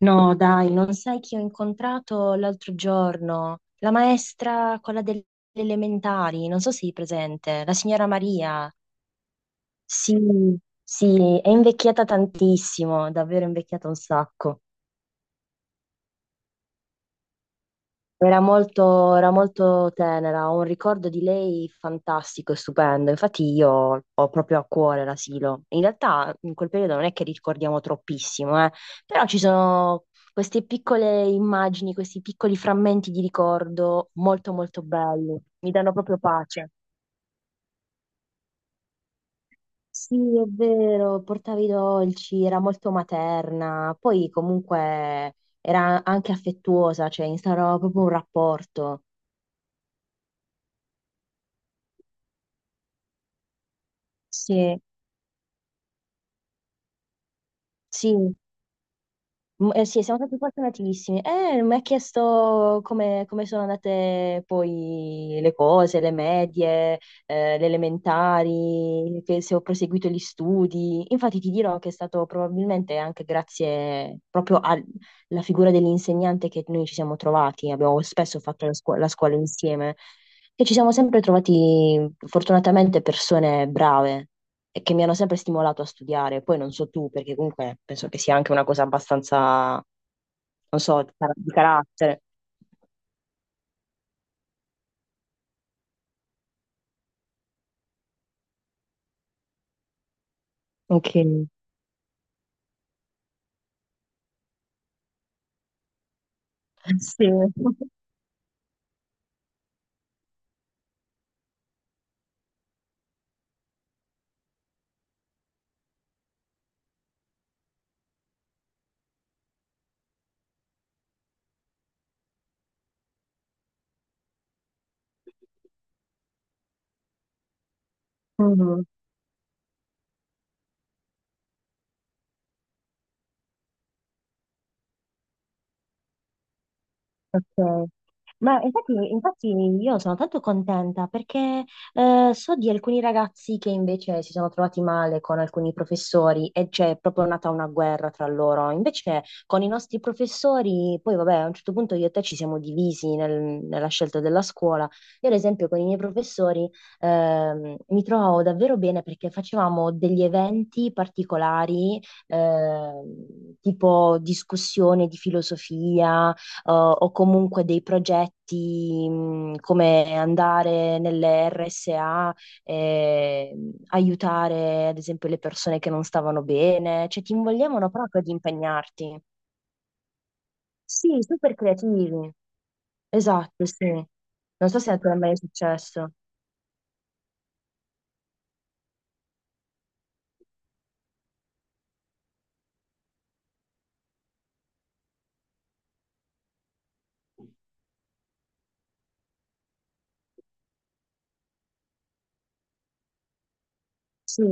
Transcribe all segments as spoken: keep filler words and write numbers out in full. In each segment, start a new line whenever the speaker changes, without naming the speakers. No, dai, non sai chi ho incontrato l'altro giorno? La maestra, quella delle elementari, non so se sei presente, la signora Maria. Sì, sì, è invecchiata tantissimo, davvero invecchiata un sacco. Era molto, era molto tenera, ho un ricordo di lei fantastico e stupendo. Infatti io ho proprio a cuore l'asilo. In realtà in quel periodo non è che ricordiamo troppissimo, eh, però ci sono queste piccole immagini, questi piccoli frammenti di ricordo molto molto belli. Mi danno proprio pace. Sì, è vero, portava i dolci, era molto materna, poi comunque era anche affettuosa, cioè instaurava proprio un rapporto. Sì, sì. Mm, eh, sì, siamo stati fortunatissimi. Eh, mi ha chiesto come, come sono andate poi le cose, le medie, eh, le elementari, che se ho proseguito gli studi. Infatti ti dirò che è stato probabilmente anche grazie proprio al- alla figura dell'insegnante che noi ci siamo trovati. Abbiamo spesso fatto la scuo- la scuola insieme e ci siamo sempre trovati fortunatamente persone brave e che mi hanno sempre stimolato a studiare. Poi non so tu, perché comunque penso che sia anche una cosa abbastanza, non so, di car- di carattere. Ok. Sì. Mhm. Ok, ma infatti, infatti io sono tanto contenta perché eh, so di alcuni ragazzi che invece si sono trovati male con alcuni professori e c'è proprio nata una guerra tra loro. Invece con i nostri professori, poi vabbè, a un certo punto io e te ci siamo divisi nel- nella scelta della scuola. Io ad esempio con i miei professori, ehm, mi trovavo davvero bene perché facevamo degli eventi particolari, ehm, tipo discussione di filosofia, eh, o comunque dei progetti, mh, come andare nelle R S A e aiutare ad esempio le persone che non stavano bene, cioè ti invogliavano proprio ad impegnarti. Sì, super creativi. Esatto, sì. Non so se a te è mai successo. Sì.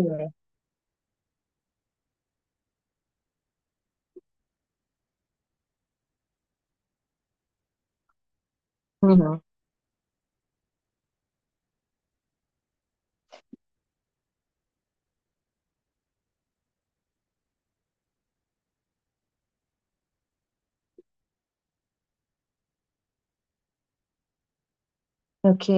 Mhm. Ok.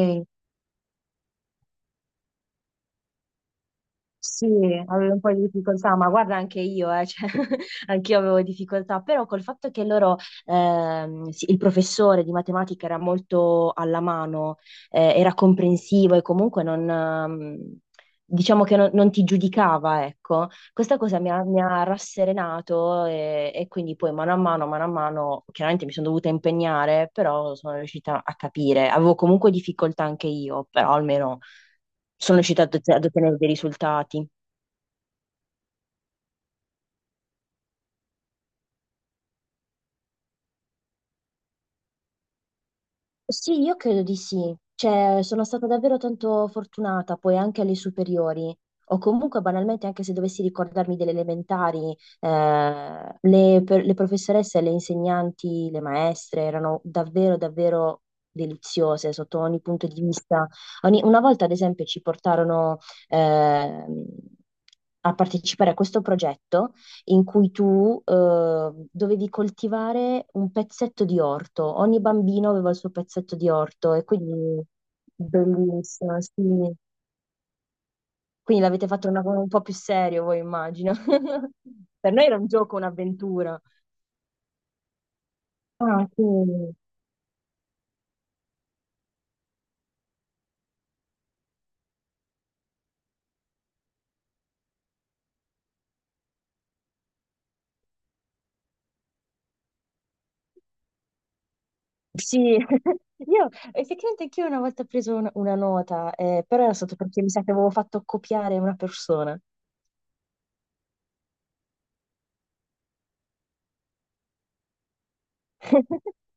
Sì, avevo un po' di difficoltà, ma guarda anche io, eh, cioè, anch'io avevo difficoltà, però col fatto che loro, ehm, sì, il professore di matematica era molto alla mano, eh, era comprensivo e comunque non, ehm, diciamo che non, non ti giudicava, ecco, questa cosa mi ha, mi ha rasserenato, e, e quindi poi mano a mano, mano a mano, chiaramente mi sono dovuta impegnare, però sono riuscita a capire, avevo comunque difficoltà anche io, però almeno sono riuscita ad otte- ad ottenere dei risultati. Sì, io credo di sì. Cioè, sono stata davvero tanto fortunata poi anche alle superiori. O comunque, banalmente, anche se dovessi ricordarmi delle elementari, eh, le, per- le professoresse, le insegnanti, le maestre erano davvero, davvero deliziose sotto ogni punto di vista. Ogni- una volta, ad esempio, ci portarono, ehm, a partecipare a questo progetto in cui tu, eh, dovevi coltivare un pezzetto di orto. Ogni bambino aveva il suo pezzetto di orto e quindi bellissimo, sì. Quindi l'avete fatto una- un po' più serio, voi immagino. Per noi era un gioco, un'avventura. Ah, sì. Sì, io effettivamente anch'io una volta ho preso una, una nota, eh, però era stato perché mi sa che avevo fatto copiare una persona.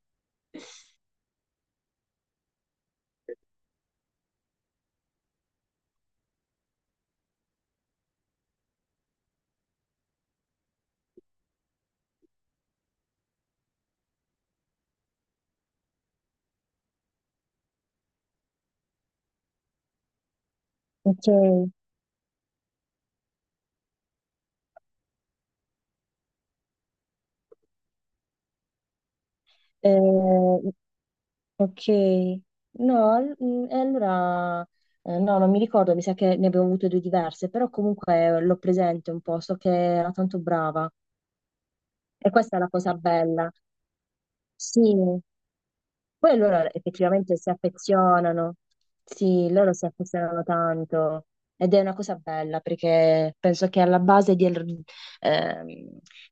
Ok, eh, Ok. No, al- mm, e allora, eh, no, non mi ricordo, mi sa che ne abbiamo avute due diverse, però comunque l'ho presente un po', so che era tanto brava e questa è la cosa bella. Sì, poi loro effettivamente si affezionano, sì, loro si affezionano tanto ed è una cosa bella perché penso che alla base del, ehm,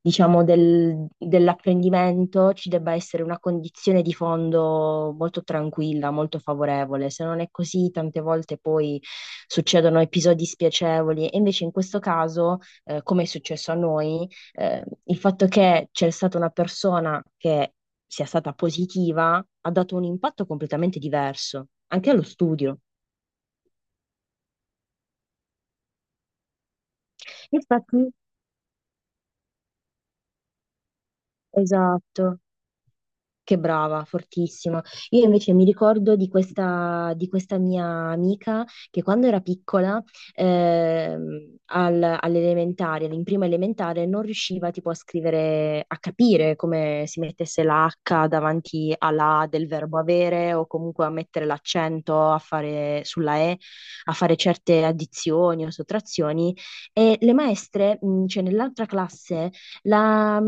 diciamo del- dell'apprendimento ci debba essere una condizione di fondo molto tranquilla, molto favorevole. Se non è così, tante volte poi succedono episodi spiacevoli e invece in questo caso, eh, come è successo a noi, eh, il fatto che c'è stata una persona che sia stata positiva, ha dato un impatto completamente diverso anche allo studio. Infatti, esatto, che brava, fortissima. Io invece mi ricordo di questa, di questa mia amica che quando era piccola, ehm, al- all'elementare, in prima elementare, non riusciva tipo a scrivere, a capire come si mettesse la H davanti alla A del verbo avere o comunque a mettere l'accento a fare, sulla E, a fare certe addizioni o sottrazioni. E le maestre, mh, cioè nell'altra classe, la,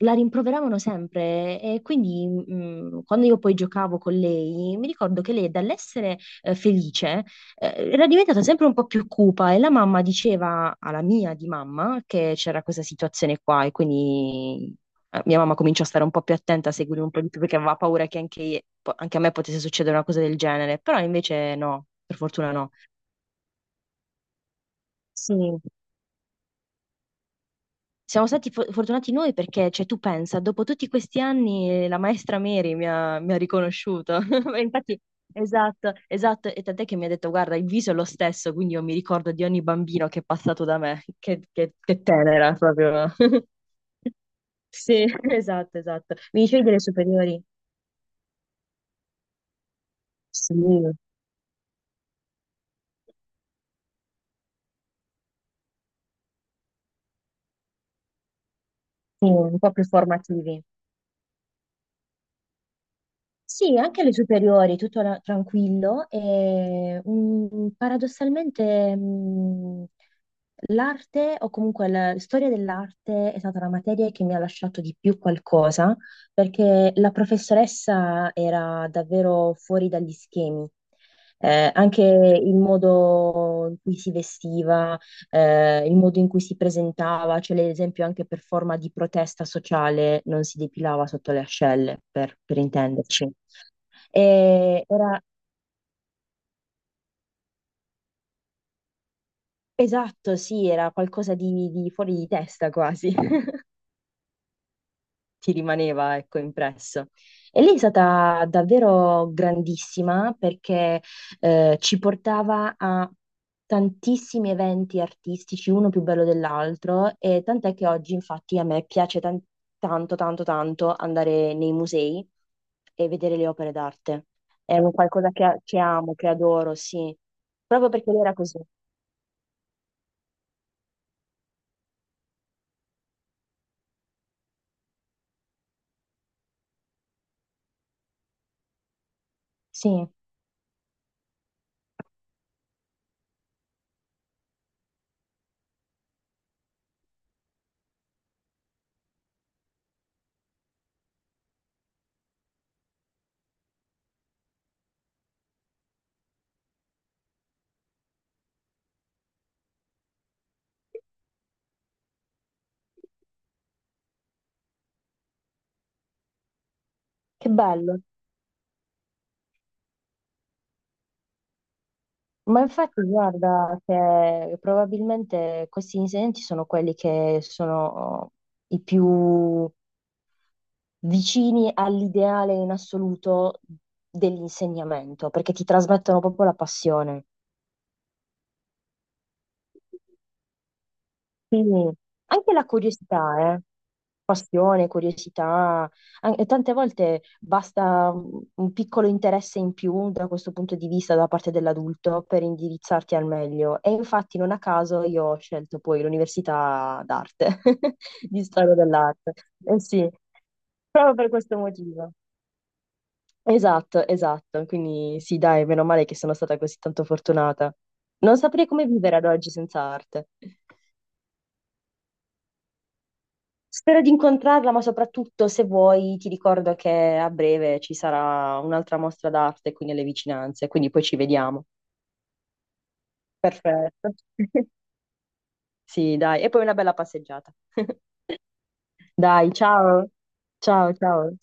la rimproveravano sempre, e quindi mh, quando io poi giocavo con lei, mi ricordo che lei dall'essere, eh, felice, eh, era diventata sempre un po' più cupa, e la mamma diceva alla mia di mamma che c'era questa situazione qua, e quindi eh, mia mamma cominciò a stare un po' più attenta, a seguire un po' di più perché aveva paura che anche, anche a me potesse succedere una cosa del genere, però invece no, per fortuna no. Sì. Siamo stati fo- fortunati noi perché, cioè, tu pensa, dopo tutti questi anni, eh, la maestra Mary mi ha, mi ha riconosciuto. E infatti, esatto, esatto. E tant'è che mi ha detto, guarda, il viso è lo stesso, quindi io mi ricordo di ogni bambino che è passato da me. Che, che- che tenera, proprio. Sì, esatto, esatto. Mi dicevi delle superiori? Sì, sì, un po' più formativi. Sì, anche le superiori, tutto la- tranquillo e, mm, paradossalmente, mm, l'arte o comunque la storia dell'arte è stata la materia che mi ha lasciato di più qualcosa, perché la professoressa era davvero fuori dagli schemi. Eh, anche il modo in cui si vestiva, eh, il modo in cui si presentava, cioè ad esempio anche per forma di protesta sociale non si depilava sotto le ascelle, per, per intenderci. E era, esatto, sì, era qualcosa di di fuori di testa quasi. Ti rimaneva, ecco, impresso. E lei è stata davvero grandissima perché eh, ci portava a tantissimi eventi artistici, uno più bello dell'altro, e tant'è che oggi, infatti, a me piace tan- tanto, tanto, tanto andare nei musei e vedere le opere d'arte. È un qualcosa che, che amo, che adoro, sì. Proprio perché lei era così. Sì, che bello. Ma infatti guarda che probabilmente questi insegnanti sono quelli che sono i più vicini all'ideale in assoluto dell'insegnamento, perché ti trasmettono proprio la passione. Quindi anche la curiosità, eh. Passione, curiosità, an- e tante volte basta un un piccolo interesse in più da questo punto di vista da parte dell'adulto per indirizzarti al meglio. E infatti non a caso io ho scelto poi l'università d'arte, di storia dell'arte. Eh sì, proprio per questo motivo. Esatto, esatto. Quindi sì, dai, meno male che sono stata così tanto fortunata. Non saprei come vivere ad oggi senza arte. Spero di incontrarla, ma soprattutto se vuoi ti ricordo che a breve ci sarà un'altra mostra d'arte qui nelle vicinanze, quindi poi ci vediamo. Perfetto. Sì, dai, e poi una bella passeggiata. Dai, ciao. Ciao, ciao.